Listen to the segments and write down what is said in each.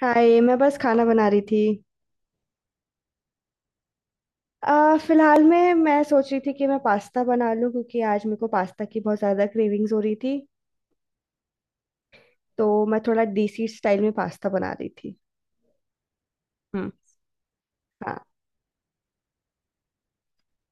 हाय। मैं बस खाना बना रही थी। फिलहाल में मैं सोच रही थी कि मैं पास्ता बना लूं क्योंकि आज मेरे को पास्ता की बहुत ज़्यादा क्रेविंग्स हो रही थी। तो मैं थोड़ा देसी स्टाइल में पास्ता बना रही थी। हम्म। हाँ,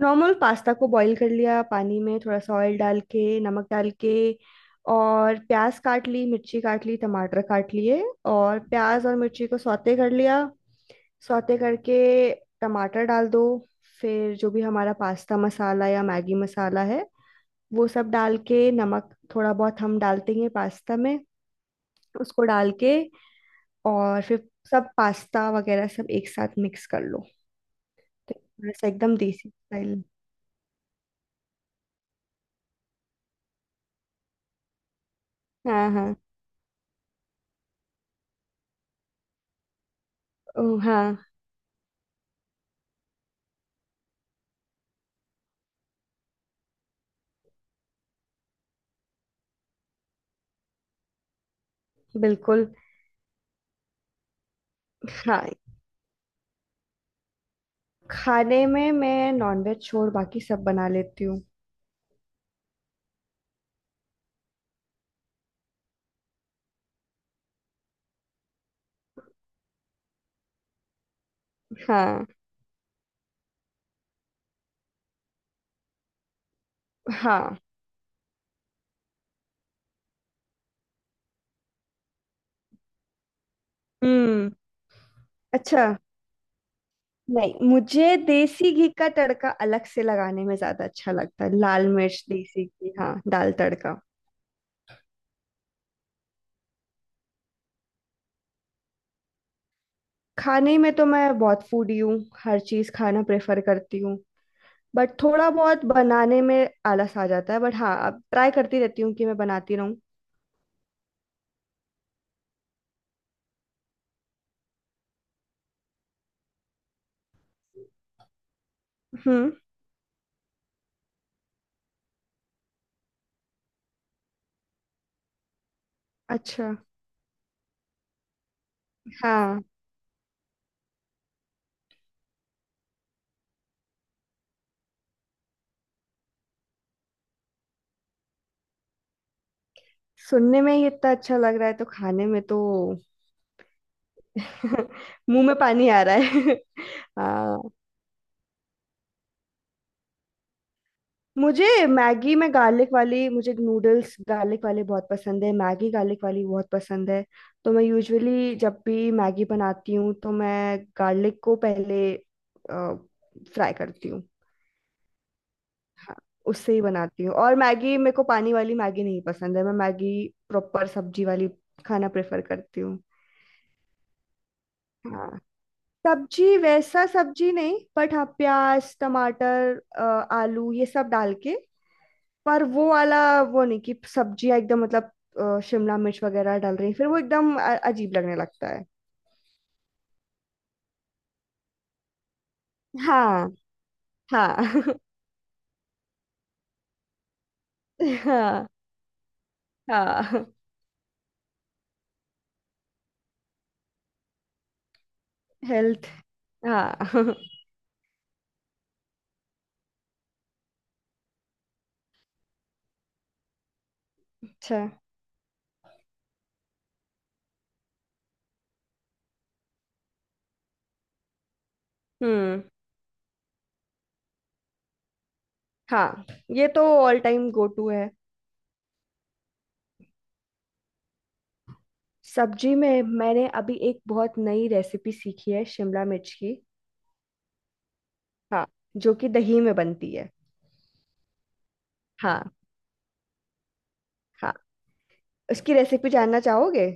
नॉर्मल पास्ता को बॉईल कर लिया पानी में थोड़ा सा ऑयल डाल के नमक डाल के। और प्याज काट ली, मिर्ची काट ली, टमाटर काट लिए। और प्याज और मिर्ची को सौते कर लिया। सौते करके टमाटर डाल दो। फिर जो भी हमारा पास्ता मसाला या मैगी मसाला है वो सब डाल के, नमक थोड़ा बहुत हम डालते ही हैं पास्ता में, उसको डाल के और फिर सब पास्ता वगैरह सब एक साथ मिक्स कर लो। तो बस एकदम देसी स्टाइल। हाँ हाँ। ओ, हाँ। बिल्कुल। हाँ, खाने में मैं नॉनवेज छोड़ बाकी सब बना लेती हूँ। हाँ। हाँ। हम्म। अच्छा। नहीं, मुझे देसी घी का तड़का अलग से लगाने में ज्यादा अच्छा लगता है। लाल मिर्च देसी घी, हाँ, दाल तड़का। खाने में तो मैं बहुत फूडी हूँ। हर चीज़ खाना प्रेफर करती हूँ। बट थोड़ा बहुत बनाने में आलस आ जाता है, बट हाँ, अब ट्राई करती रहती हूँ कि मैं बनाती रहूँ। हम्म। अच्छा। हाँ, सुनने में ही इतना अच्छा लग रहा है तो खाने में तो मुंह में पानी आ रहा है। हाँ, मुझे मैगी में गार्लिक वाली, मुझे नूडल्स गार्लिक वाले बहुत पसंद है, मैगी गार्लिक वाली बहुत पसंद है। तो मैं यूजुअली जब भी मैगी बनाती हूँ तो मैं गार्लिक को पहले फ्राई करती हूँ। हाँ, उससे ही बनाती हूँ। और मैगी मेरे को पानी वाली मैगी नहीं पसंद है, मैं मैगी प्रॉपर सब्जी वाली खाना प्रेफर करती हूँ। हाँ, सब्जी वैसा सब्जी नहीं, बट हाँ, प्याज टमाटर आलू ये सब डाल के। पर वो वाला, वो नहीं कि सब्जियां एकदम मतलब शिमला मिर्च वगैरह डाल रही हैं। फिर वो एकदम अजीब लगने लगता है। हाँ। हाँ। हाँ। हाँ, हेल्थ। हाँ। अच्छा। हम्म। हाँ, ये तो ऑल टाइम गो टू है। सब्जी में मैंने अभी एक बहुत नई रेसिपी सीखी है, शिमला मिर्च की। हाँ, जो कि दही में बनती है। हाँ। हाँ, उसकी रेसिपी जानना चाहोगे।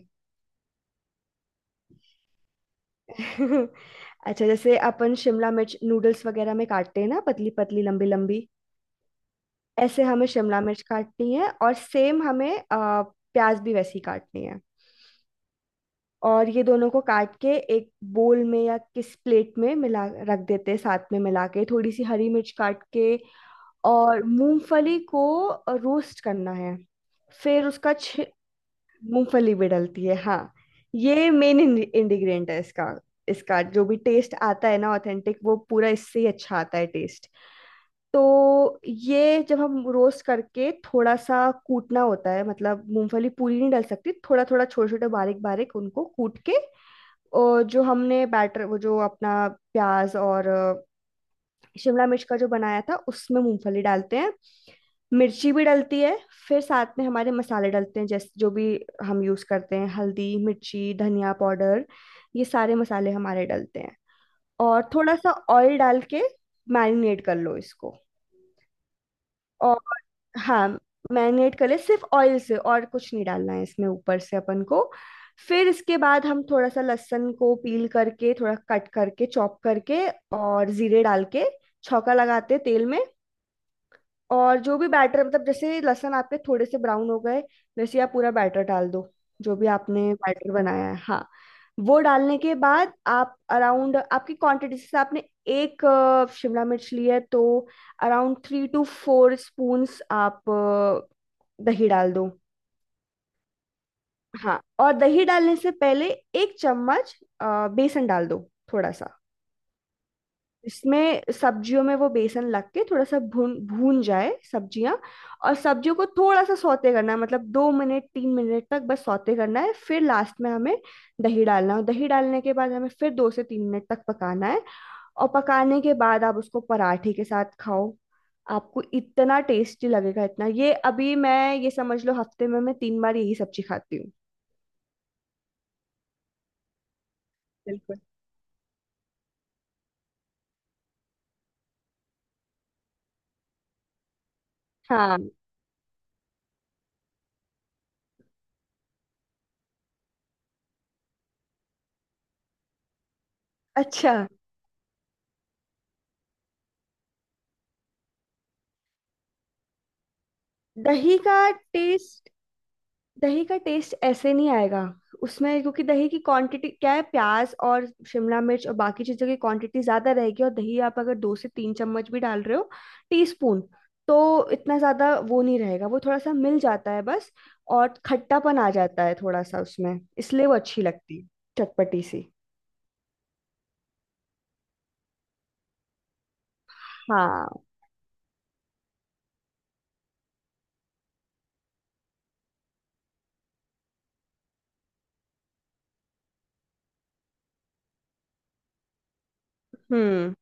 अच्छा, जैसे अपन शिमला मिर्च नूडल्स वगैरह में काटते हैं ना पतली पतली लंबी लंबी, ऐसे हमें शिमला मिर्च काटनी है। और सेम हमें प्याज भी वैसी काटनी है। और ये दोनों को काट के एक बोल में या किस प्लेट में मिला रख देते हैं, साथ में मिला के, थोड़ी सी हरी मिर्च काट के। और मूंगफली को रोस्ट करना है। फिर उसका छ, मूंगफली भी डलती है हाँ। ये मेन इंग्रेडिएंट है इसका। इसका जो भी टेस्ट आता है ना ऑथेंटिक, वो पूरा इससे ही अच्छा आता है टेस्ट। तो ये जब हम रोस्ट करके थोड़ा सा कूटना होता है, मतलब मूंगफली पूरी नहीं डल सकती, थोड़ा थोड़ा छोटे छोटे बारीक बारीक उनको कूट के, और जो हमने बैटर वो जो अपना प्याज और शिमला मिर्च का जो बनाया था उसमें मूंगफली डालते हैं। मिर्ची भी डलती है। फिर साथ में हमारे मसाले डलते हैं, जैसे जो भी हम यूज करते हैं, हल्दी मिर्ची धनिया पाउडर, ये सारे मसाले हमारे डलते हैं। और थोड़ा सा ऑयल डाल के मैरिनेट कर लो इसको। और हाँ, मैरिनेट कर ले सिर्फ ऑयल से, और कुछ नहीं डालना है इसमें ऊपर से अपन को। फिर इसके बाद हम थोड़ा सा लहसुन को पील करके, थोड़ा कट करके चॉप करके, और जीरे डाल के छौंका लगाते हैं तेल में। और जो भी बैटर, मतलब जैसे लहसुन आपके थोड़े से ब्राउन हो गए, वैसे आप पूरा बैटर डाल दो, जो भी आपने बैटर बनाया है। हाँ, वो डालने के बाद आप अराउंड, आपकी क्वांटिटी से, आपने एक शिमला मिर्च ली है तो around three to four spoons आप दही डाल दो। हाँ, और दही डालने से पहले एक चम्मच बेसन डाल दो, थोड़ा सा। इसमें सब्जियों में वो बेसन लग के थोड़ा सा भून भून जाए सब्जियां। और सब्जियों को थोड़ा सा सौते करना है, मतलब दो मिनट तीन मिनट तक बस सौते करना है। फिर लास्ट में हमें दही डालना है, और दही डालने के बाद हमें फिर दो से तीन मिनट तक पकाना है। और पकाने के बाद आप उसको पराठे के साथ खाओ, आपको इतना टेस्टी लगेगा, इतना। ये अभी मैं, ये समझ लो हफ्ते में मैं तीन बार यही सब्जी खाती हूँ। बिल्कुल। हाँ। अच्छा, दही का टेस्ट, दही का टेस्ट ऐसे नहीं आएगा उसमें, क्योंकि दही की क्वांटिटी क्या है, प्याज और शिमला मिर्च और बाकी चीजों की क्वांटिटी ज्यादा रहेगी, और दही आप अगर दो से तीन चम्मच भी डाल रहे हो, टीस्पून, तो इतना ज्यादा वो नहीं रहेगा, वो थोड़ा सा मिल जाता है बस। और खट्टापन आ जाता है थोड़ा सा उसमें, इसलिए वो अच्छी लगती है। चटपटी सी। हाँ। हम्म।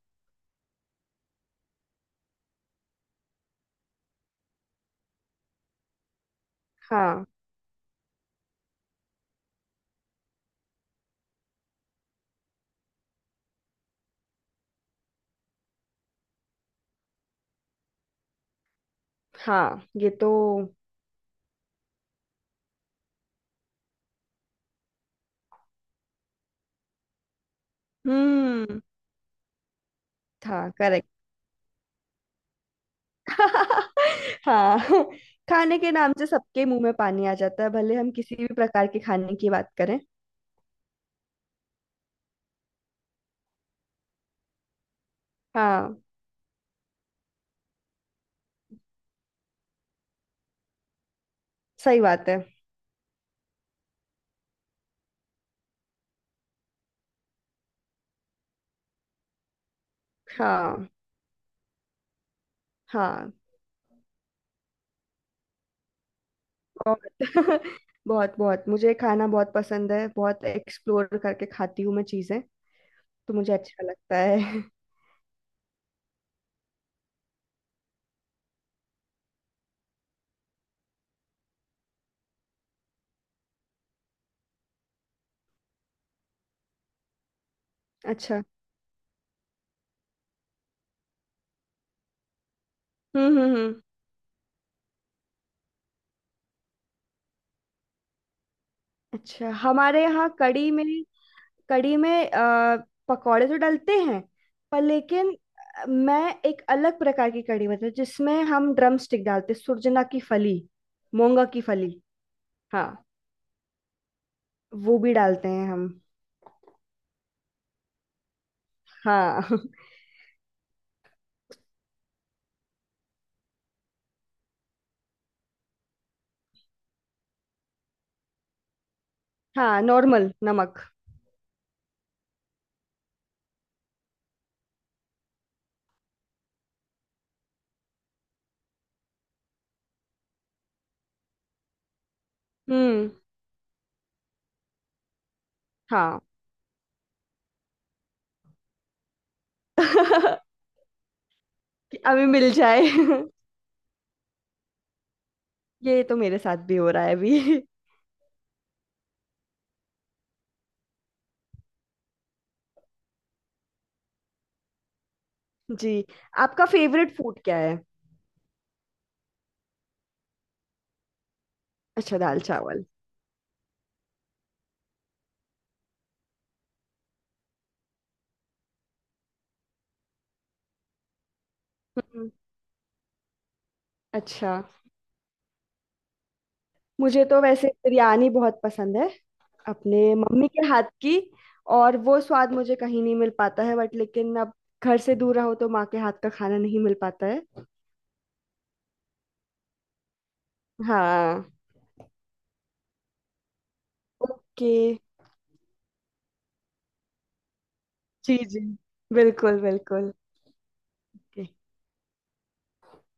हाँ। हाँ, ये तो। हम्म। था करेक्ट। हाँ, खाने के नाम से सबके मुंह में पानी आ जाता है भले हम किसी भी प्रकार के खाने की बात करें। हाँ, सही बात है। हाँ। हाँ। बहुत। बहुत बहुत, मुझे खाना बहुत पसंद है, बहुत एक्सप्लोर करके खाती हूँ मैं चीज़ें, तो मुझे अच्छा लगता है। अच्छा। हम्म। अच्छा, हमारे यहाँ कढ़ी में, कढ़ी में पकौड़े तो डलते हैं, पर लेकिन मैं एक अलग प्रकार की कढ़ी, मतलब जिसमें हम ड्रम स्टिक डालते, सुरजना की फली, मोंगा की फली। हाँ, वो भी डालते हैं हम। हाँ। हाँ, नॉर्मल नमक। हम्म। हाँ। कि हमें मिल जाए। ये तो मेरे साथ भी हो रहा है अभी। जी। आपका फेवरेट फूड क्या है। अच्छा, दाल चावल। हम्म। अच्छा, मुझे तो वैसे बिरयानी बहुत पसंद है, अपने मम्मी के हाथ की। और वो स्वाद मुझे कहीं नहीं मिल पाता है, बट लेकिन अब घर से दूर रहो तो माँ के हाथ का खाना नहीं मिल पाता है। हाँ। ओके। जी जी, बिल्कुल बिल्कुल।